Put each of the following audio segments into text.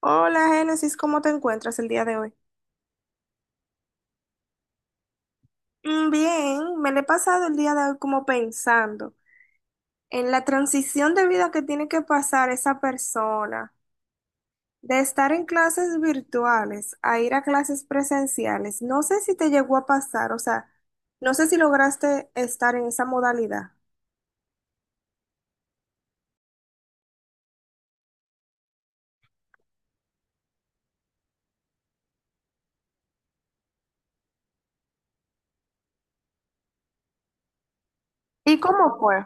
Hola, Génesis, ¿cómo te encuentras el día de hoy? Bien, me lo he pasado el día de hoy como pensando en la transición de vida que tiene que pasar esa persona de estar en clases virtuales a ir a clases presenciales. No sé si te llegó a pasar, o sea, no sé si lograste estar en esa modalidad. ¿Y cómo fue?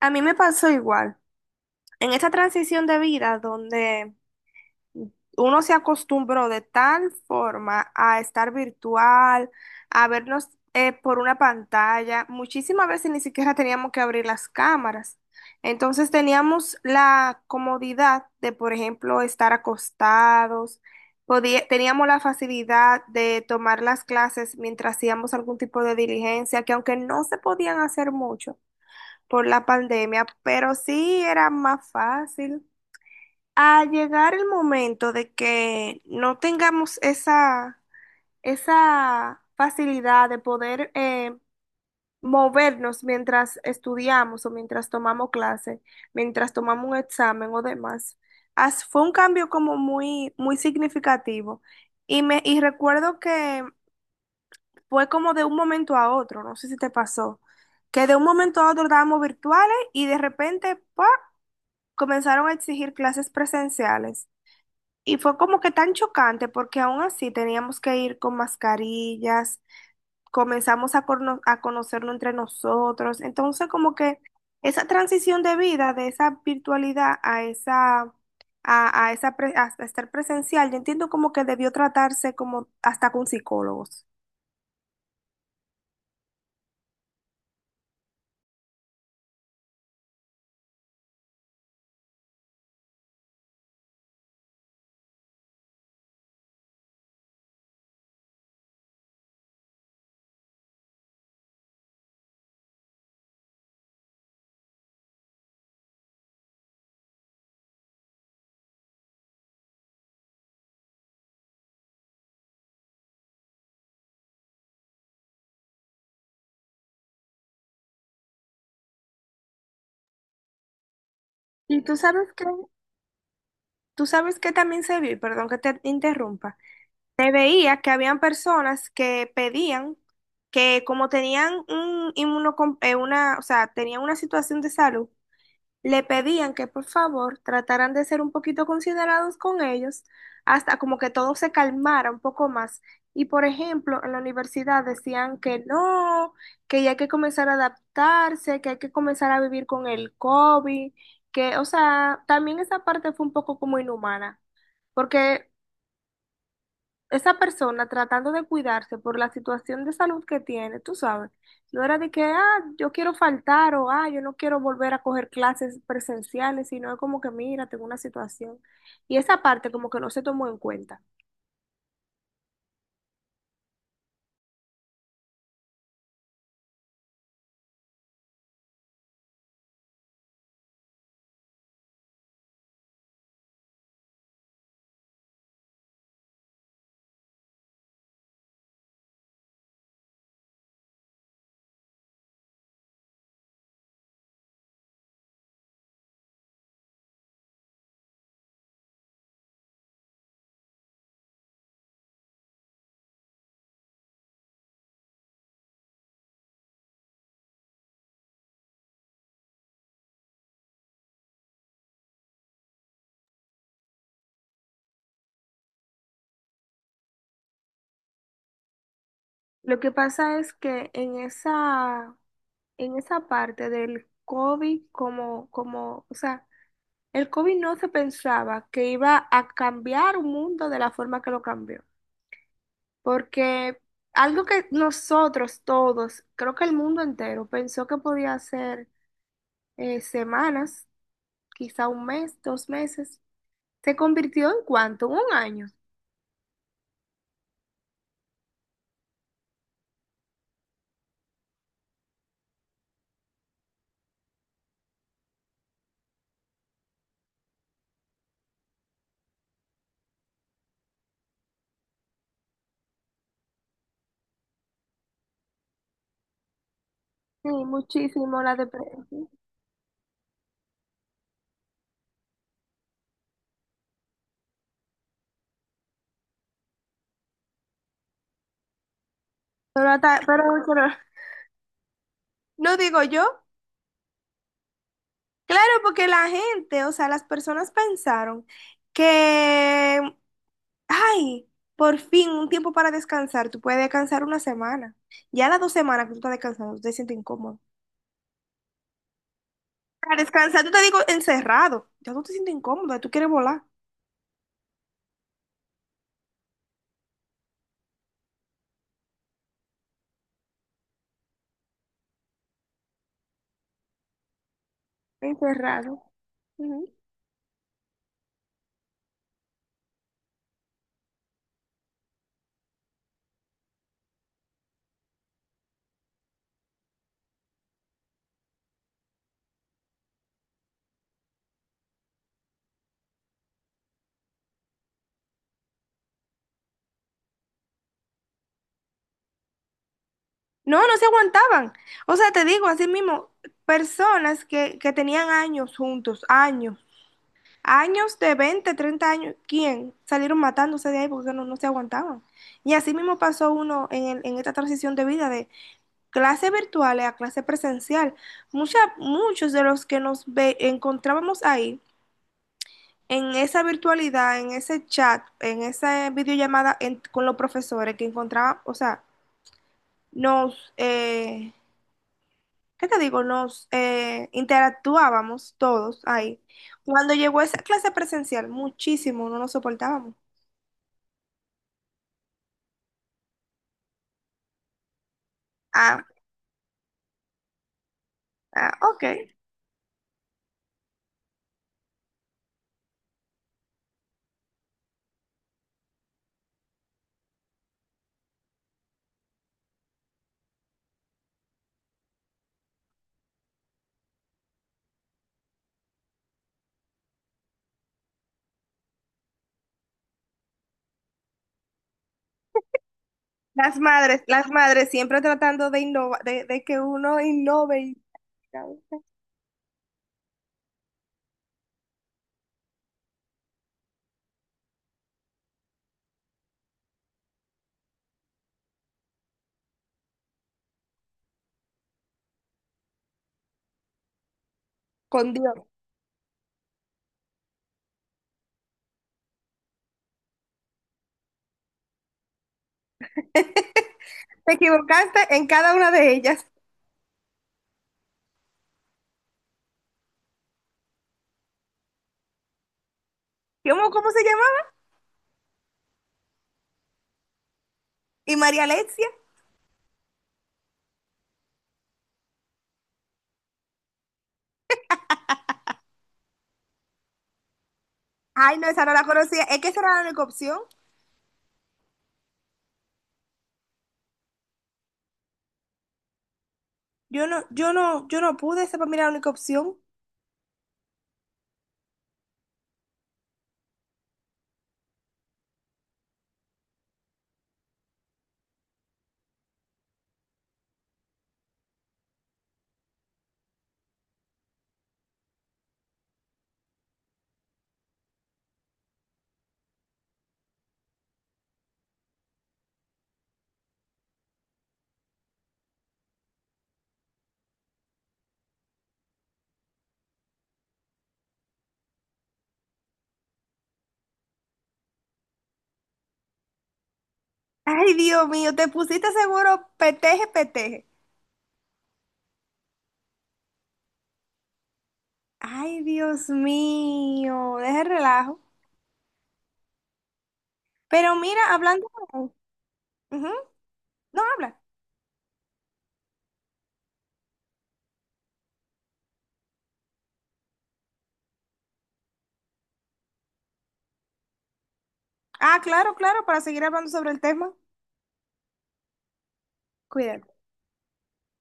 A mí me pasó igual. En esa transición de vida donde uno se acostumbró de tal forma a estar virtual, a vernos por una pantalla. Muchísimas veces ni siquiera teníamos que abrir las cámaras. Entonces teníamos la comodidad de, por ejemplo, estar acostados. Teníamos la facilidad de tomar las clases mientras hacíamos algún tipo de diligencia, que aunque no se podían hacer mucho por la pandemia, pero sí era más fácil a llegar el momento de que no tengamos esa, esa facilidad de poder movernos mientras estudiamos o mientras tomamos clase, mientras tomamos un examen o demás. Fue un cambio como muy, muy significativo. Y recuerdo que fue como de un momento a otro, no sé si te pasó, que de un momento a otro estábamos virtuales y de repente, ¡pa! Comenzaron a exigir clases presenciales. Y fue como que tan chocante porque aún así teníamos que ir con mascarillas, comenzamos a conocernos entre nosotros. Entonces como que esa transición de vida, de esa virtualidad a esa, a esa a estar presencial, yo entiendo como que debió tratarse como hasta con psicólogos. Y tú sabes que también se vio, y perdón que te interrumpa, se veía que habían personas que pedían que como tenían un una, o sea, tenían una situación de salud, le pedían que por favor trataran de ser un poquito considerados con ellos, hasta como que todo se calmara un poco más. Y por ejemplo, en la universidad decían que no, que ya hay que comenzar a adaptarse, que hay que comenzar a vivir con el COVID, que, o sea, también esa parte fue un poco como inhumana, porque esa persona tratando de cuidarse por la situación de salud que tiene, tú sabes, no era de que, ah, yo quiero faltar o, ah, yo no quiero volver a coger clases presenciales, sino es como que, mira, tengo una situación. Y esa parte como que no se tomó en cuenta. Lo que pasa es que en esa parte del COVID, como, o sea, el COVID no se pensaba que iba a cambiar un mundo de la forma que lo cambió. Porque algo que nosotros todos, creo que el mundo entero, pensó que podía ser semanas, quizá un mes, 2 meses, se convirtió en cuánto, un año. Sí, muchísimo la depresión. Pero no digo yo, claro, porque la gente, o sea, las personas pensaron que, ay, por fin un tiempo para descansar, tú puedes descansar una semana. Ya las 2 semanas que tú estás descansando, tú te sientes incómodo. Para descansar, yo te digo encerrado. Ya no te sientes incómoda, tú quieres volar. Encerrado. Ujú. No, no se aguantaban. O sea, te digo, así mismo, personas que tenían años juntos, años, años de 20 30 años, ¿quién? Salieron matándose de ahí porque no, no se aguantaban. Y así mismo pasó uno en, en esta transición de vida de clase virtual a clase presencial. Muchos de los que nos encontrábamos ahí en esa virtualidad, en ese chat, en esa videollamada con los profesores que encontraban, o sea, nos, ¿qué te digo? Nos interactuábamos todos ahí. Cuando llegó esa clase presencial, muchísimo, no nos soportábamos. Ah, ah, ok. Las madres siempre tratando de innovar, de que uno innove y con Dios. Te equivocaste en cada una de ellas. ¿Cómo se llamaba? Y María Alexia. Ay, no, esa no la conocía. Es que esa era la única opción. Yo no pude, esa para mí era la única opción. Ay, Dios mío, te pusiste seguro peteje, peteje. Ay, Dios mío, deja el relajo. Pero mira, hablando de- ujú, no habla. Ah, claro, claro, para seguir hablando sobre el tema. Cuidado.